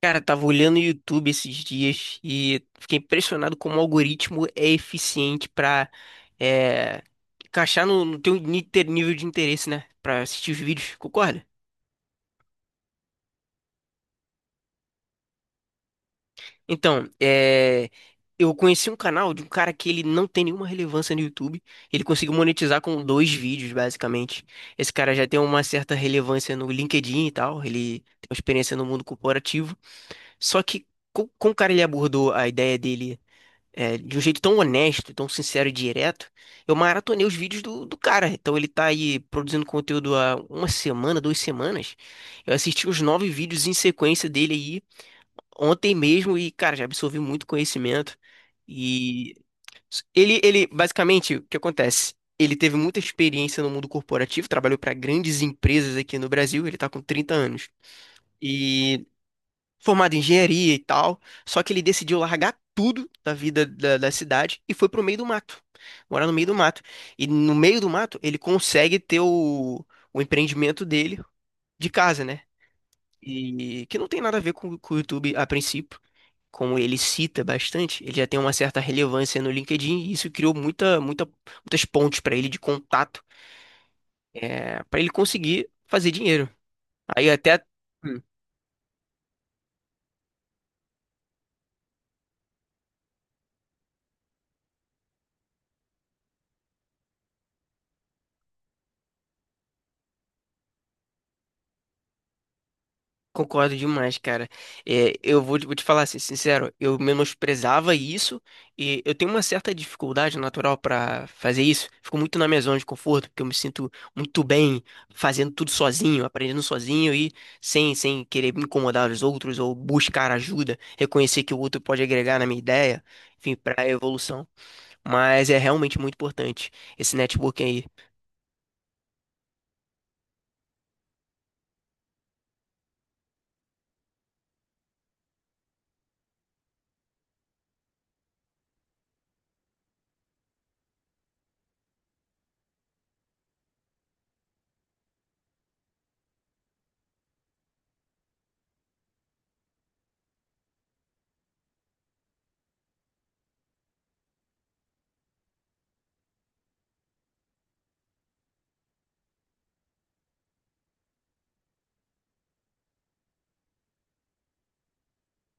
Cara, tava olhando o YouTube esses dias e fiquei impressionado como o algoritmo é eficiente pra é, encaixar no teu nível de interesse, né? Pra assistir os vídeos, concorda? Então, eu conheci um canal de um cara que ele não tem nenhuma relevância no YouTube. Ele conseguiu monetizar com dois vídeos, basicamente. Esse cara já tem uma certa relevância no LinkedIn e tal. Ele tem uma experiência no mundo corporativo. Só que como o cara ele abordou a ideia dele, de um jeito tão honesto, tão sincero e direto, eu maratonei os vídeos do cara. Então ele tá aí produzindo conteúdo há uma semana, duas semanas. Eu assisti os nove vídeos em sequência dele aí ontem mesmo e, cara, já absorvi muito conhecimento. E ele basicamente, o que acontece? Ele teve muita experiência no mundo corporativo, trabalhou para grandes empresas aqui no Brasil, ele tá com 30 anos. E formado em engenharia e tal, só que ele decidiu largar tudo da vida da cidade e foi pro meio do mato, morar no meio do mato. E no meio do mato ele consegue ter o empreendimento dele de casa, né? E que não tem nada a ver com o YouTube a princípio. Como ele cita bastante, ele já tem uma certa relevância no LinkedIn e isso criou muitas pontes para ele de contato, para ele conseguir fazer dinheiro. Aí até. Concordo demais, cara. É, eu vou te falar assim, sincero, eu menosprezava isso e eu tenho uma certa dificuldade natural pra fazer isso. Fico muito na minha zona de conforto, porque eu me sinto muito bem fazendo tudo sozinho, aprendendo sozinho e sem querer me incomodar os outros ou buscar ajuda, reconhecer que o outro pode agregar na minha ideia, enfim, pra evolução. Mas é realmente muito importante esse networking aí.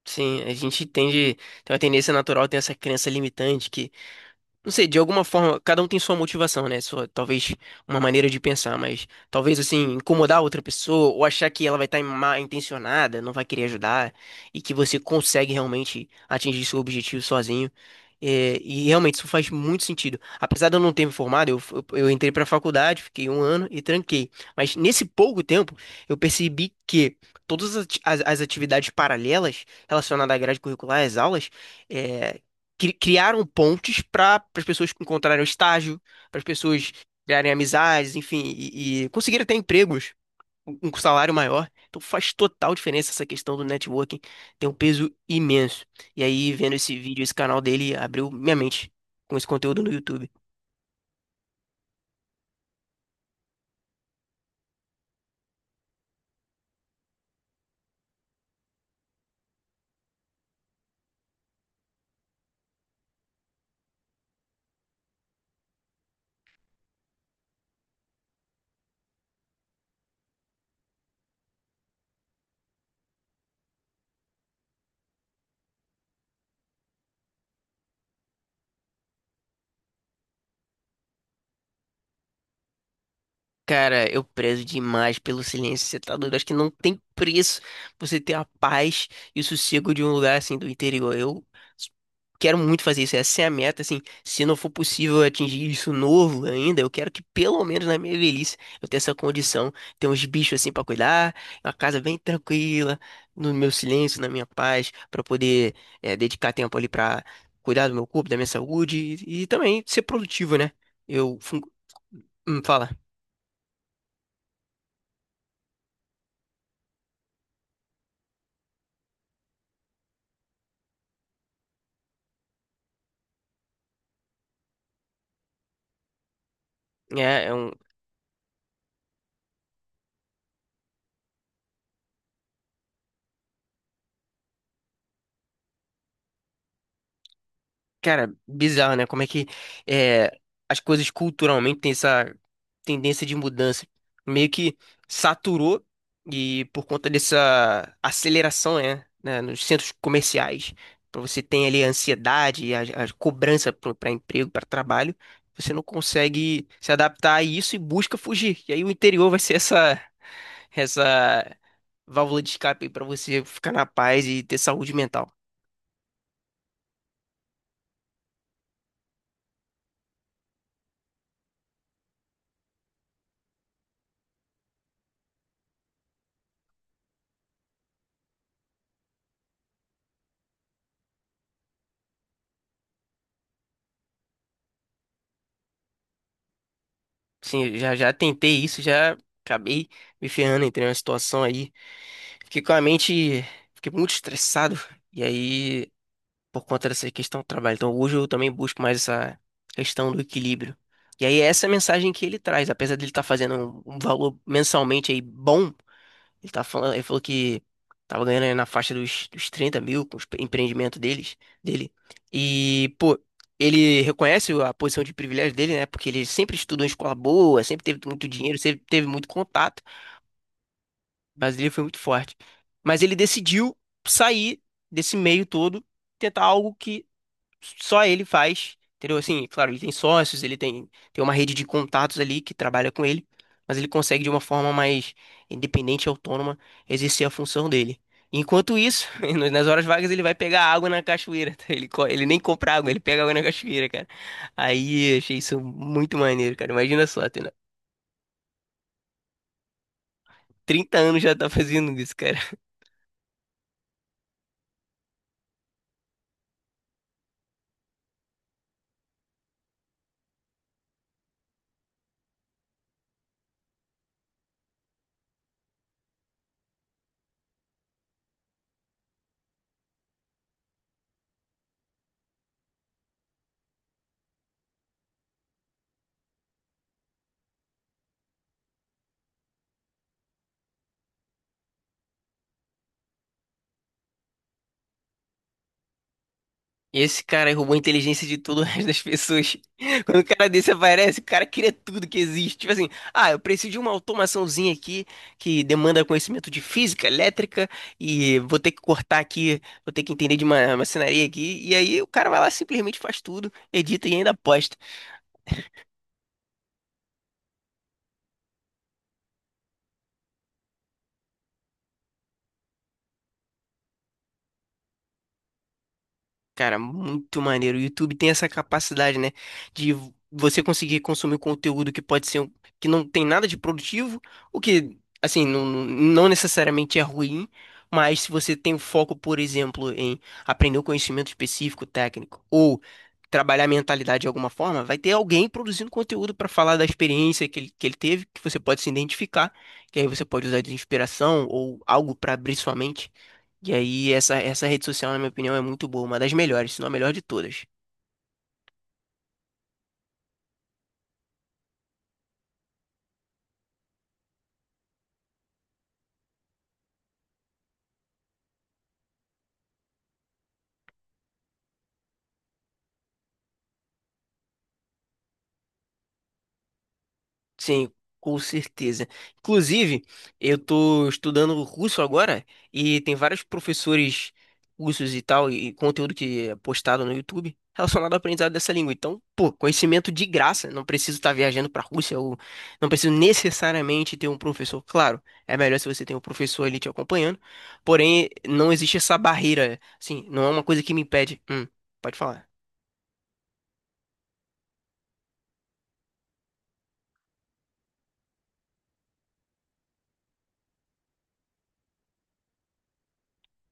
Sim, a gente tem uma tendência natural, tem essa crença limitante. Não sei, de alguma forma, cada um tem sua motivação, né? Sua, talvez uma maneira de pensar, mas talvez assim, incomodar outra pessoa ou achar que ela vai estar mal intencionada, não vai querer ajudar e que você consegue realmente atingir seu objetivo sozinho. É, e realmente isso faz muito sentido. Apesar de eu não ter me formado, eu entrei para a faculdade, fiquei um ano e tranquei. Mas nesse pouco tempo, eu percebi que todas as atividades paralelas relacionadas à grade curricular, às aulas, é, criaram pontes para as pessoas encontrarem um estágio, para as pessoas criarem amizades, enfim, e conseguirem ter empregos um com salário maior. Então faz total diferença essa questão do networking, tem um peso imenso. E aí, vendo esse vídeo, esse canal dele, abriu minha mente com esse conteúdo no YouTube. Cara, eu prezo demais pelo silêncio. Você tá doido? Acho que não tem preço você ter a paz e o sossego de um lugar assim do interior. Eu s- quero muito fazer isso. Essa é a meta, assim. Se não for possível atingir isso novo ainda, eu quero que pelo menos na minha velhice eu tenha essa condição. Ter uns bichos assim pra cuidar, uma casa bem tranquila, no meu silêncio, na minha paz, pra poder dedicar tempo ali pra cuidar do meu corpo, da minha saúde e também ser produtivo, né? Eu. fun- Fala. É, é um- Cara, bizarro, né? Como é que é, as coisas culturalmente têm essa tendência de mudança. Meio que saturou e por conta dessa aceleração, né? Nos centros comerciais, para você tem ali a ansiedade e a cobrança para emprego, para trabalho, você não consegue se adaptar a isso e busca fugir. E aí o interior vai ser essa essa válvula de escape para você ficar na paz e ter saúde mental. Sim, eu já tentei isso, já acabei me ferrando, entrei numa situação aí. Fiquei com a mente, fiquei muito estressado. E aí por conta dessa questão do trabalho. Então, hoje eu também busco mais essa questão do equilíbrio. E aí, essa é a mensagem que ele traz, apesar dele estar fazendo um valor mensalmente aí bom, ele tá falando, ele falou que tava ganhando aí na faixa dos 30 mil com o empreendimento deles, dele. E, pô, ele reconhece a posição de privilégio dele, né? Porque ele sempre estudou em escola boa, sempre teve muito dinheiro, sempre teve muito contato, mas ele foi muito forte. Mas ele decidiu sair desse meio todo, tentar algo que só ele faz, entendeu? Assim, claro, ele tem sócios, ele tem, tem uma rede de contatos ali que trabalha com ele, mas ele consegue de uma forma mais independente e autônoma exercer a função dele. Enquanto isso, nas horas vagas ele vai pegar água na cachoeira, tá? Ele nem compra água, ele pega água na cachoeira, cara. Aí, eu achei isso muito maneiro, cara. Imagina só, tendo 30 anos já tá fazendo isso, cara. Esse cara aí roubou a inteligência de todo o resto das pessoas. Quando o cara desse aparece, o cara cria tudo que existe. Tipo assim, ah, eu preciso de uma automaçãozinha aqui que demanda conhecimento de física, elétrica, e vou ter que cortar aqui, vou ter que entender de uma maçonaria aqui. E aí o cara vai lá, simplesmente faz tudo, edita e ainda posta. Cara, muito maneiro. O YouTube tem essa capacidade, né, de você conseguir consumir conteúdo que pode ser um- que não tem nada de produtivo, o que, assim, não necessariamente é ruim, mas se você tem o foco, por exemplo, em aprender um conhecimento específico, técnico, ou trabalhar a mentalidade de alguma forma, vai ter alguém produzindo conteúdo para falar da experiência que ele teve, que você pode se identificar, que aí você pode usar de inspiração ou algo para abrir sua mente. E aí, essa rede social, na minha opinião, é muito boa, uma das melhores, se não a melhor de todas. Sim, com certeza. Inclusive, eu tô estudando russo agora e tem vários professores russos e tal, e conteúdo que é postado no YouTube relacionado ao aprendizado dessa língua. Então, pô, conhecimento de graça, não preciso estar viajando pra Rússia ou não preciso necessariamente ter um professor. Claro, é melhor se você tem um professor ali te acompanhando, porém, não existe essa barreira, assim, não é uma coisa que me impede. Pode falar.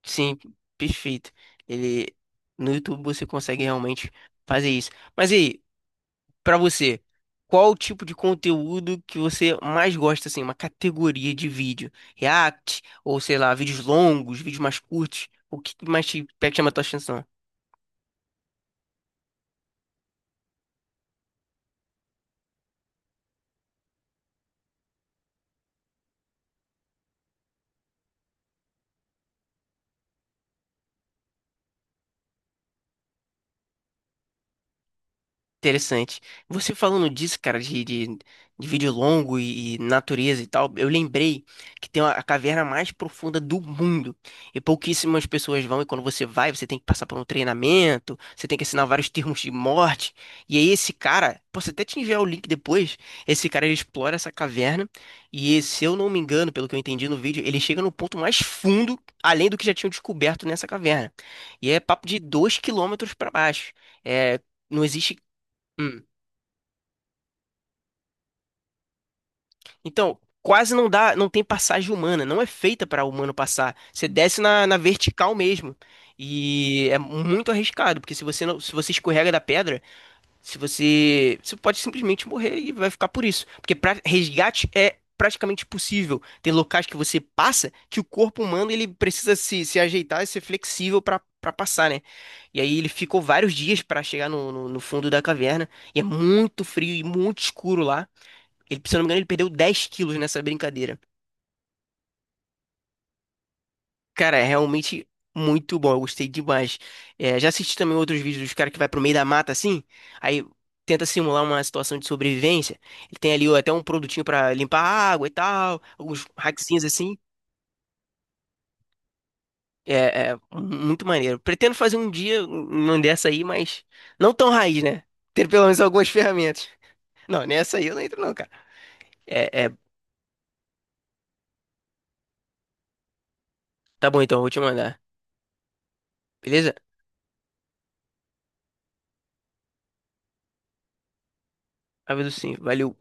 Sim, perfeito. Ele no YouTube você consegue realmente fazer isso. Mas e aí, pra você, qual o tipo de conteúdo que você mais gosta assim, uma categoria de vídeo? React ou sei lá, vídeos longos, vídeos mais curtos? O que mais te chama a tua atenção? Interessante. Você falando disso, cara, de vídeo longo e natureza e tal, eu lembrei que tem a caverna mais profunda do mundo. E pouquíssimas pessoas vão, e quando você vai, você tem que passar por um treinamento, você tem que assinar vários termos de morte. E aí esse cara, posso até te enviar o link depois, esse cara ele explora essa caverna, e se eu não me engano, pelo que eu entendi no vídeo, ele chega no ponto mais fundo, além do que já tinham descoberto nessa caverna. E é papo de 2 km para baixo. É, não existe. Hum. Então, quase não dá, não tem passagem humana, não é feita para humano passar. Você desce na vertical mesmo. E é muito arriscado, porque se você não, se você escorrega da pedra, se você, você pode simplesmente morrer e vai ficar por isso. Porque pra, resgate é praticamente impossível. Tem locais que você passa que o corpo humano ele precisa se ajeitar e ser flexível para passar, né? E aí ele ficou vários dias para chegar no fundo da caverna. E é muito frio e muito escuro lá. Ele, se eu não me engano, ele perdeu 10 quilos nessa brincadeira. Cara, é realmente muito bom. Eu gostei demais. É, já assisti também outros vídeos dos caras que vai pro meio da mata assim. Aí tenta simular uma situação de sobrevivência. Ele tem ali ó, até um produtinho pra limpar a água e tal. Alguns hackzinhos assim. É muito maneiro. Pretendo fazer um dia uma dessa aí, mas não tão raiz, né? Ter pelo menos algumas ferramentas. Não, nessa aí eu não entro não, cara. É, é, tá bom então, eu vou te mandar. Beleza? Aviso sim. Valeu.